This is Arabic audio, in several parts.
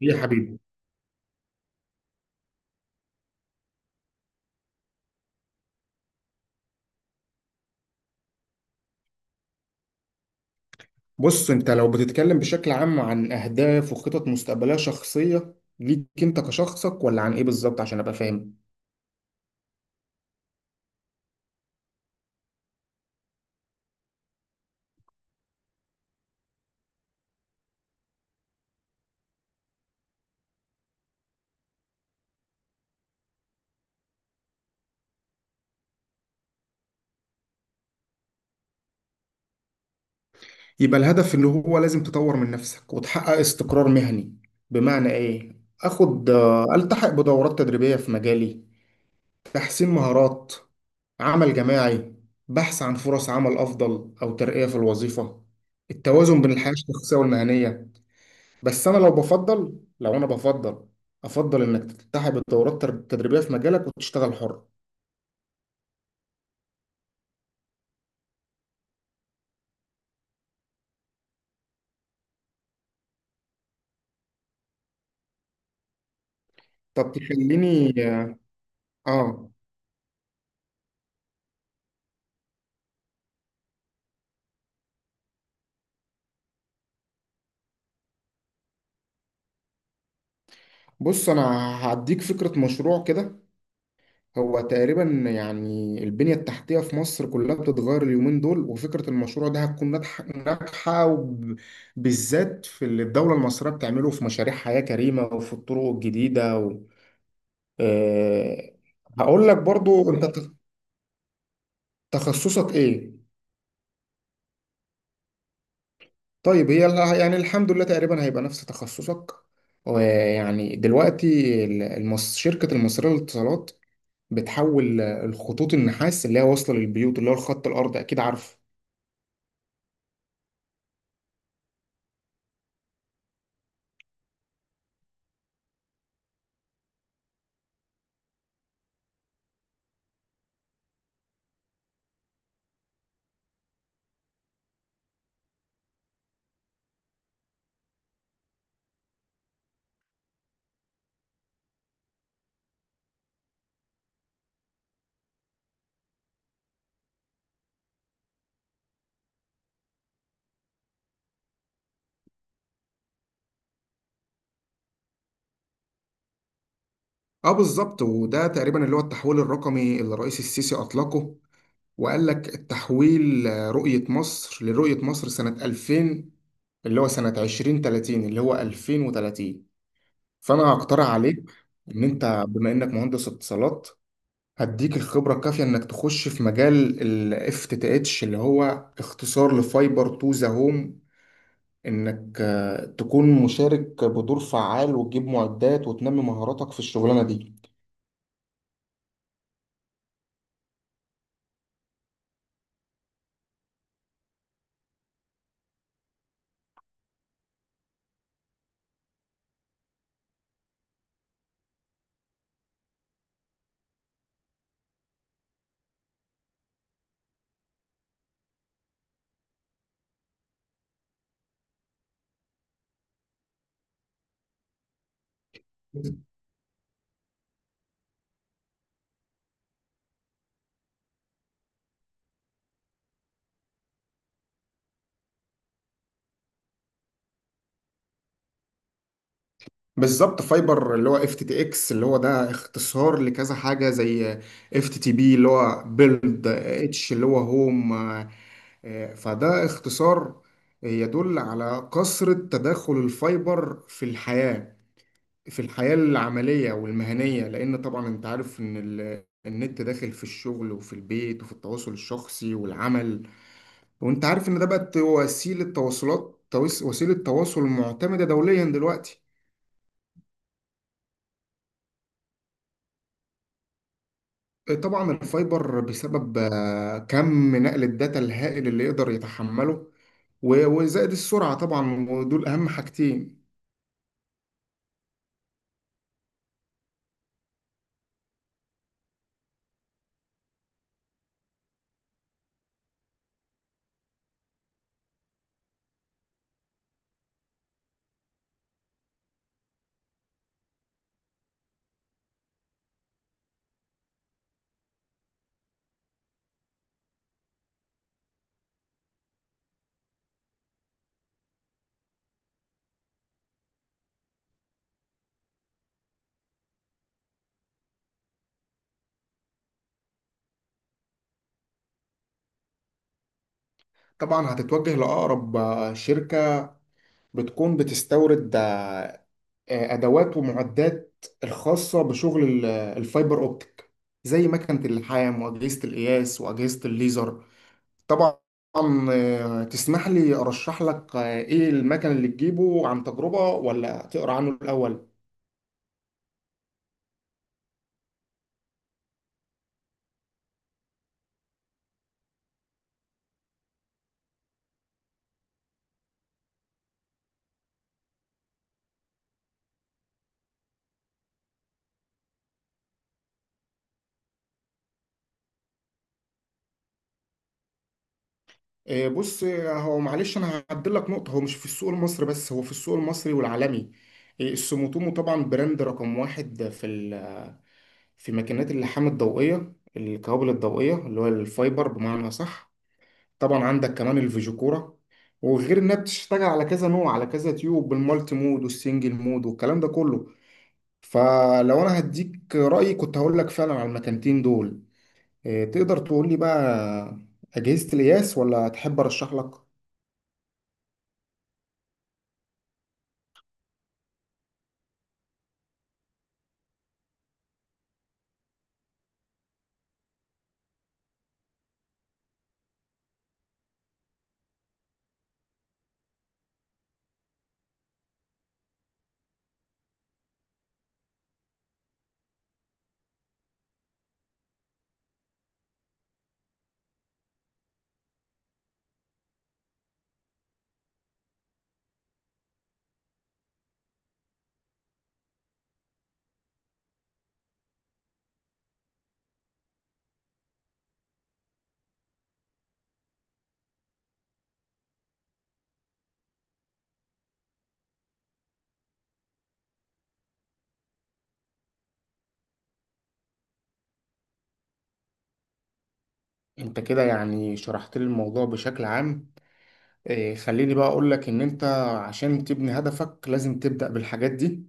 يا حبيبي. بص، انت لو بتتكلم بشكل عام عن اهداف وخطط مستقبليه شخصيه ليك انت كشخصك، ولا عن ايه بالظبط عشان ابقى فاهم؟ يبقى الهدف اللي هو لازم تطور من نفسك وتحقق استقرار مهني. بمعنى ايه؟ اخد، التحق بدورات تدريبيه في مجالي، تحسين مهارات، عمل جماعي، بحث عن فرص عمل افضل او ترقيه في الوظيفه، التوازن بين الحياه الشخصيه والمهنيه. بس انا لو بفضل، لو انا بفضل افضل انك تلتحق بالدورات التدريبيه في مجالك وتشتغل حر. طب تخليني، اه. بص، انا هديك فكره مشروع كده. هو تقريبا، يعني البنيه التحتيه في مصر كلها بتتغير اليومين دول، وفكره المشروع ده هتكون ناجحه ناجحه، بالذات في اللي الدوله المصريه بتعمله في مشاريع حياه كريمه وفي الطرق الجديده و... آه هقول لك برضو انت، تخصصك ايه؟ طيب، يعني الحمد لله تقريبا هيبقى نفس تخصصك. ويعني دلوقتي، شركة المصرية للاتصالات بتحول الخطوط النحاس اللي هي واصلة للبيوت، اللي هو الخط الأرضي، أكيد عارفه. اه، بالظبط. وده تقريبا اللي هو التحويل الرقمي اللي الرئيس السيسي أطلقه، وقال لك التحويل، رؤية مصر، لرؤية مصر سنة 2000، اللي هو سنة 2030، اللي هو 2030. فأنا هقترح عليك إن أنت، بما إنك مهندس اتصالات، هديك الخبرة الكافية انك تخش في مجال ال FTTH، اللي هو اختصار لفايبر تو ذا هوم، انك تكون مشارك بدور فعال وتجيب معدات وتنمي مهاراتك في الشغلانة دي. بالظبط، فايبر اللي هو FTTX اللي هو ده اختصار لكذا حاجة، زي FTTP اللي هو بيلد اتش اللي هو هوم. فده اختصار يدل على كثرة تداخل الفايبر في الحياة، في الحياة العملية والمهنية، لأن طبعا أنت عارف إن النت داخل في الشغل وفي البيت وفي التواصل الشخصي والعمل. وأنت عارف إن ده بقت وسيلة تواصلات، وسيلة تواصل معتمدة دوليا دلوقتي. طبعا الفايبر بسبب كم نقل الداتا الهائل اللي يقدر يتحمله، وزائد السرعة طبعا، ودول أهم حاجتين. طبعا هتتوجه لأقرب شركة بتكون بتستورد ادوات ومعدات الخاصه بشغل الفايبر اوبتيك، زي مكنه اللحام واجهزه القياس واجهزه الليزر. طبعا تسمح لي ارشح لك ايه المكن اللي تجيبه عن تجربه، ولا تقرا عنه الاول؟ بص، هو معلش انا هعدل لك نقطه، هو مش في السوق المصري بس، هو في السوق المصري والعالمي. السوموتومو طبعا براند رقم واحد في في ماكينات اللحام الضوئيه، الكوابل الضوئيه اللي هو الفايبر، بمعنى صح. طبعا عندك كمان الفيجو كورة، وغير انها بتشتغل على كذا نوع، على كذا تيوب، بالمالتي مود والسنجل مود والكلام ده كله. فلو انا هديك رأيي، كنت هقول لك فعلا على المكانتين دول. إيه، تقدر تقول لي بقى أجهزة القياس، ولا تحب ارشح لك؟ انت كده يعني شرحت لي الموضوع بشكل عام. إيه، خليني بقى اقول لك ان انت عشان تبني هدفك لازم تبدأ بالحاجات دي،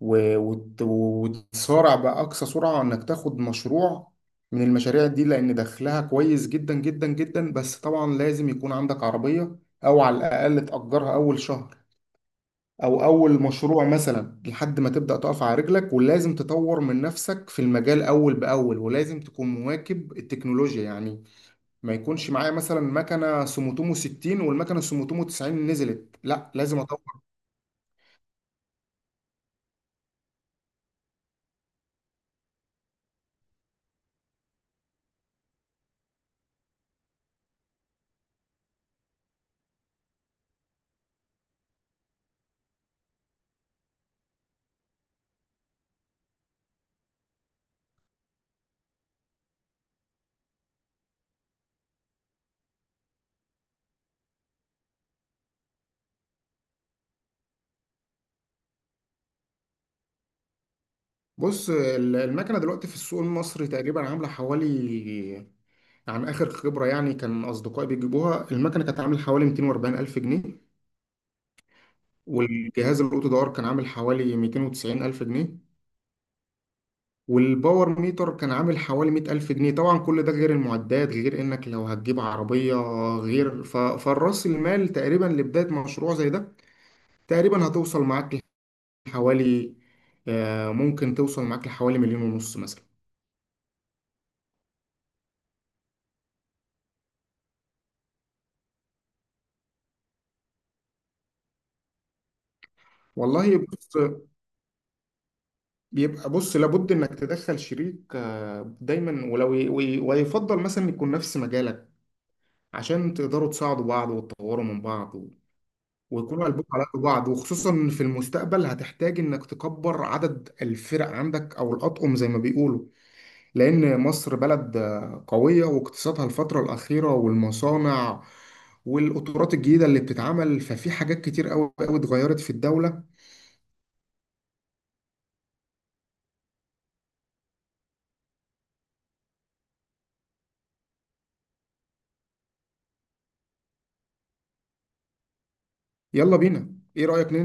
وتسارع بأقصى سرعة إنك تاخد مشروع من المشاريع دي، لأن دخلها كويس جدا جدا جدا. بس طبعا لازم يكون عندك عربية، أو على الأقل تأجرها أول شهر، أو أول مشروع مثلا، لحد ما تبدأ تقف على رجلك. ولازم تطور من نفسك في المجال أول بأول، ولازم تكون مواكب التكنولوجيا، يعني ما يكونش معايا مثلا مكنة سوموتومو 60 والمكنة سوموتومو 90 نزلت، لا لازم. بص، المكنة دلوقتي في السوق المصري تقريبا عاملة حوالي، عن آخر خبرة يعني كان أصدقائي بيجيبوها، المكنة كانت عاملة حوالي 240 ألف جنيه. والجهاز الأوتو دور كان عامل حوالي 290 ألف جنيه. والباور ميتر كان عامل حوالي 100 ألف جنيه. طبعا كل ده غير المعدات، غير إنك لو هتجيب عربية، غير ف... فالرأس المال تقريبا لبداية مشروع زي ده، تقريبا هتوصل معاك لحوالي، ممكن توصل معاك لحوالي مليون ونص مثلا. والله، بص، بيبقى، بص، لابد انك تدخل شريك دايما، ويفضل مثلا يكون نفس مجالك، عشان تقدروا تساعدوا بعض وتطوروا من بعض، ويكونوا قلبكم على قلب بعض. وخصوصا في المستقبل هتحتاج انك تكبر عدد الفرق عندك، او الاطقم زي ما بيقولوا، لان مصر بلد قوية، واقتصادها الفترة الأخيرة والمصانع والقطارات الجديدة اللي بتتعمل، ففي حاجات كتير قوي قوي اتغيرت في الدولة. يلا بينا. ايه رأيك؟